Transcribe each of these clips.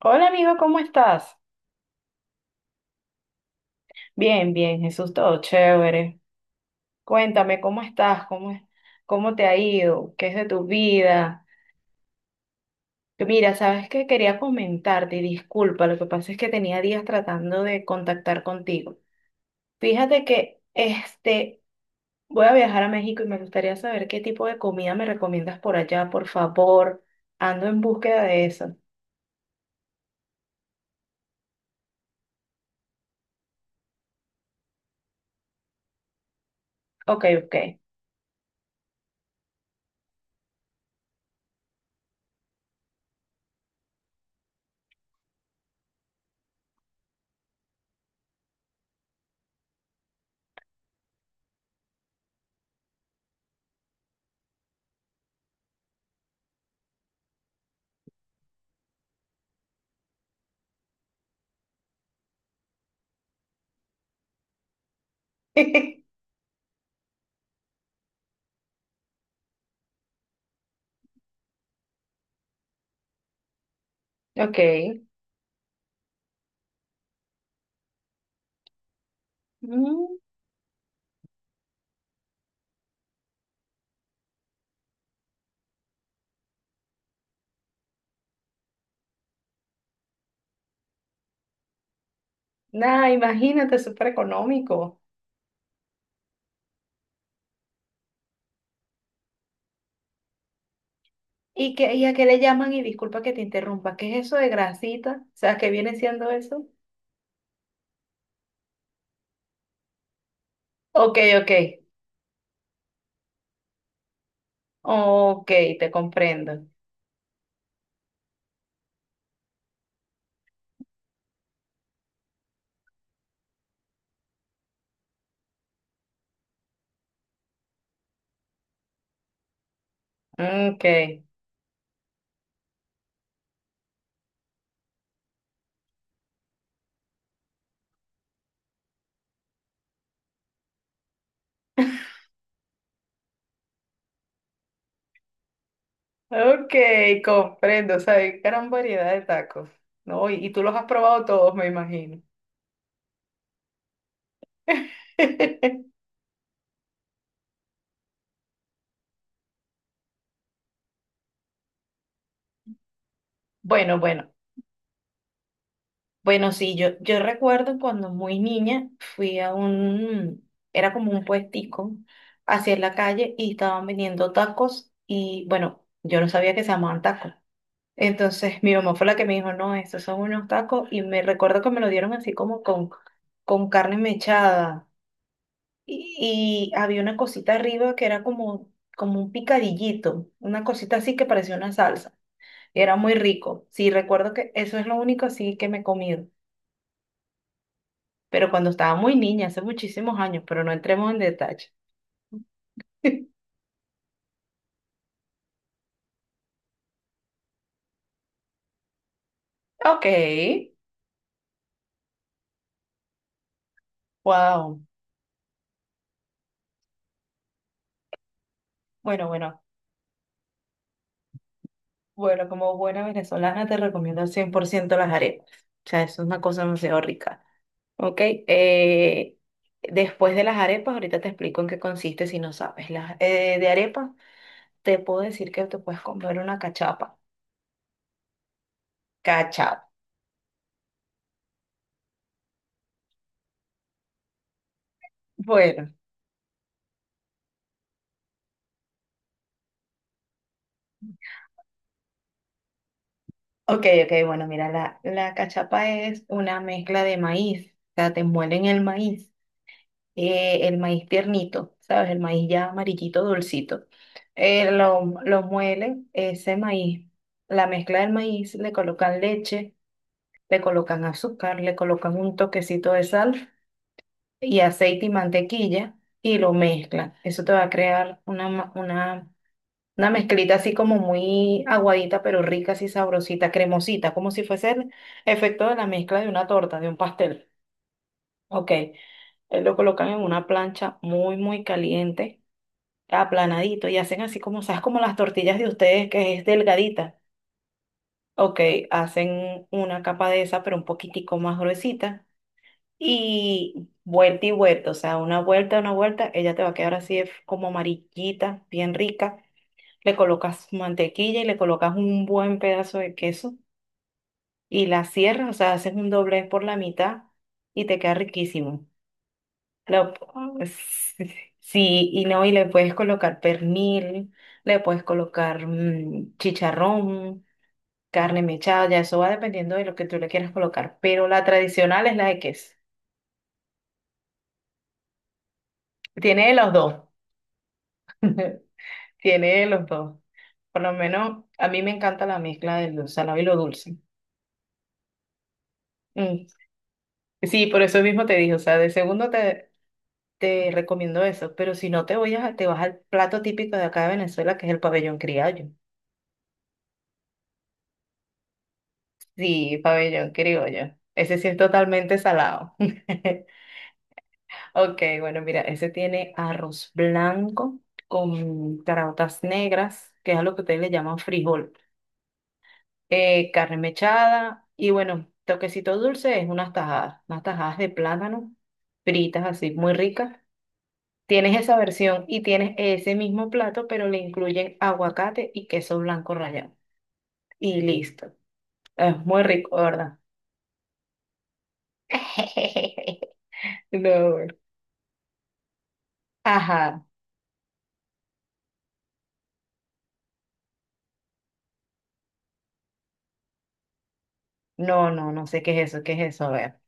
Hola amigo, ¿cómo estás? Bien, bien, Jesús, todo chévere. Cuéntame, ¿cómo estás? ¿Cómo te ha ido? ¿Qué es de tu vida? Que Mira, sabes que quería comentarte, y disculpa, lo que pasa es que tenía días tratando de contactar contigo. Fíjate que este, voy a viajar a México y me gustaría saber qué tipo de comida me recomiendas por allá, por favor. Ando en búsqueda de eso. Ok, ok. Ok. Mm, nada, imagínate, súper económico. ¿Y a qué le llaman? Y disculpa que te interrumpa, ¿qué es eso de grasita? O sea, ¿qué viene siendo eso? Ok, ok, ok, te comprendo. Ok, ok, comprendo. O sea, hay gran variedad de tacos, ¿no? Y tú los has probado todos, me imagino. Bueno, bueno, bueno, sí, yo recuerdo cuando muy niña fui a un, era como un puestico hacia la calle y estaban vendiendo tacos y bueno, yo no sabía que se llamaban tacos. Entonces mi mamá fue la que me dijo, no, estos son unos tacos y me recuerdo que me lo dieron así como con carne mechada y había una cosita arriba que era como un picadillito, una cosita así que parecía una salsa. Era muy rico. Sí, recuerdo que eso es lo único así que me he comido, pero cuando estaba muy niña, hace muchísimos años, pero no entremos en detalle. Ok, wow. Bueno, bueno, bueno, como buena venezolana te recomiendo al 100% las arepas. O sea, eso es una cosa demasiado rica. Ok, eh, después de las arepas, ahorita te explico en qué consiste si no sabes. Las, de arepas, te puedo decir que te puedes comer una cachapa. Cachapa. Bueno, ok, ok, bueno, mira, la cachapa es una mezcla de maíz, o sea, te muelen el maíz tiernito, ¿sabes? El maíz ya amarillito, dulcito. Lo muelen, ese maíz, la mezcla del maíz, le colocan leche, le colocan azúcar, le colocan un toquecito de sal y aceite y mantequilla y lo mezclan. Eso te va a crear una mezclita así como muy aguadita, pero rica, así sabrosita, cremosita, como si fuese el efecto de la mezcla de una torta, de un pastel. Ok, lo colocan en una plancha muy, muy caliente, aplanadito, y hacen así como, ¿sabes? Como las tortillas de ustedes, que es delgadita. Ok, hacen una capa de esa, pero un poquitico más gruesita. Y vuelta, o sea, una vuelta, ella te va a quedar así como amarillita, bien rica. Le colocas mantequilla y le colocas un buen pedazo de queso y la cierras, o sea, haces un doblez por la mitad y te queda riquísimo. Lo- sí, y no, y le puedes colocar pernil, le puedes colocar chicharrón, carne mechada, ya eso va dependiendo de lo que tú le quieras colocar, pero la tradicional es la de queso. Tiene de los dos. Tiene los dos. Por lo menos a mí me encanta la mezcla de lo salado y lo dulce. Mm. Sí, por eso mismo te dije, o sea, de segundo te recomiendo eso, pero si no te vas al plato típico de acá de Venezuela, que es el pabellón criollo. Sí, pabellón criollo. Ese sí es totalmente salado. Ok, bueno, mira, ese tiene arroz blanco con caraotas negras, que es a lo que ustedes le llaman frijol. Eh, carne mechada y bueno, toquecito dulce es unas tajadas de plátano fritas así, muy ricas. Tienes esa versión y tienes ese mismo plato, pero le incluyen aguacate y queso blanco rallado. Y listo. Es muy rico, ¿verdad? No, bueno. Ajá. No, no, no sé qué es eso, qué es eso. A ver.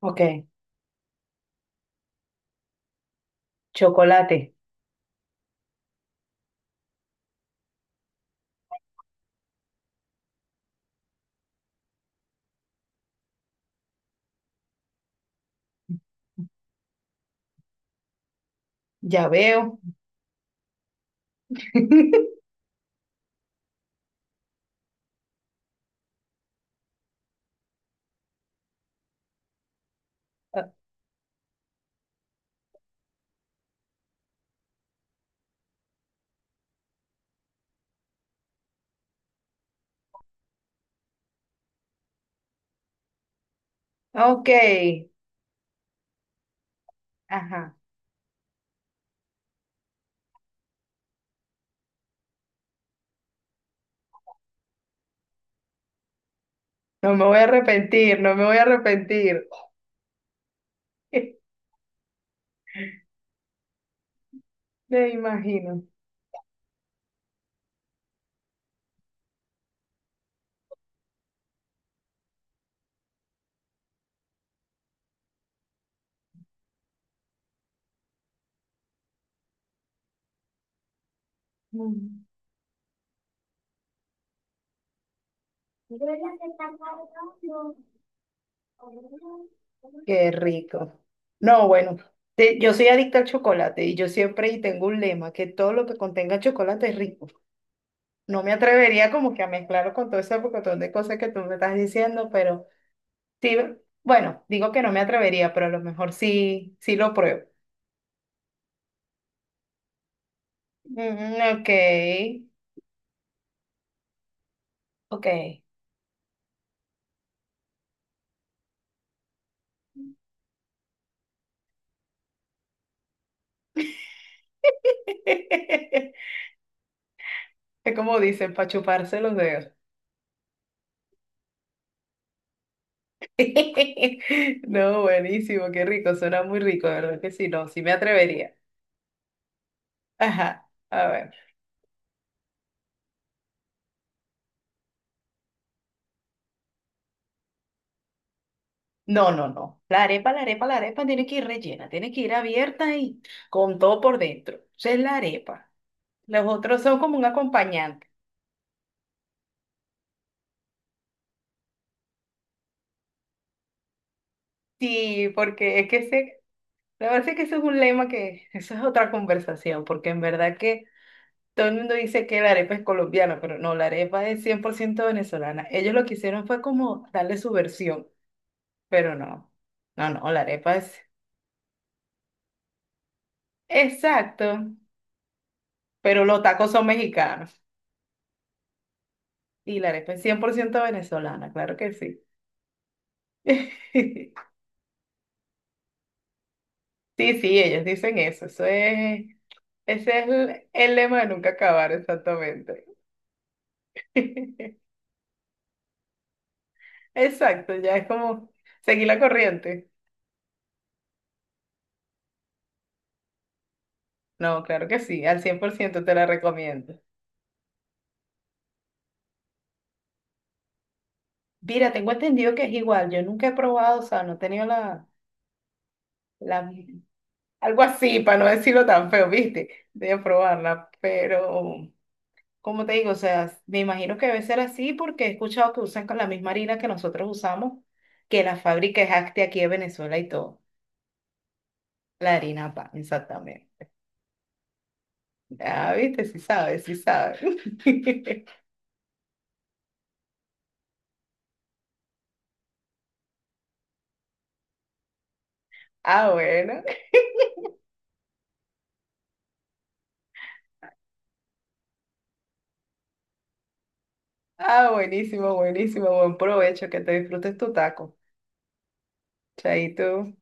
Ok. Chocolate. Ya veo. Ok. Ajá. No me voy a arrepentir, no me voy a arrepentir. Me imagino. Mm. Qué rico. No, bueno, te- yo soy adicta al chocolate y yo siempre y tengo un lema, que todo lo que contenga chocolate es rico. No me atrevería como que a mezclarlo con todo ese pocotón de cosas que tú me estás diciendo, pero sí, bueno, digo que no me atrevería, pero a lo mejor sí, sí lo pruebo. Mm, ok, ok. Es como dicen, para chuparse los dedos. No, buenísimo, qué rico, suena muy rico, de verdad que sí, no, sí me atrevería. Ajá, a ver. No, no, no. La arepa, la arepa, la arepa tiene que ir rellena, tiene que ir abierta y con todo por dentro. Esa es la arepa. Los otros son como un acompañante. Sí, porque es que ese, la verdad es que eso es un lema que, eso es otra conversación, porque en verdad que todo el mundo dice que la arepa es colombiana, pero no, la arepa es 100% venezolana. Ellos lo que hicieron fue como darle su versión. Pero no, no, no, la arepa es... Exacto, pero los tacos son mexicanos y la arepa es 100% venezolana, claro que sí. Sí, sí, ellos dicen eso, eso es, ese es el lema de nunca acabar, exactamente. Exacto, ya es como seguir la corriente. No, claro que sí, al 100% te la recomiendo. Mira, tengo entendido que es igual, yo nunca he probado, o sea, no he tenido la, la algo así, para no decirlo tan feo, ¿viste? De probarla, pero como te digo, o sea, me imagino que debe ser así porque he escuchado que usan con la misma harina que nosotros usamos, que la fábrica es Acti aquí de Venezuela y todo. La harina pan, exactamente. Ah, ¿viste? Sí sabes, sí sabes. Ah, bueno. Ah, buenísimo, buenísimo. Buen provecho, que te disfrutes tu taco. Chaito.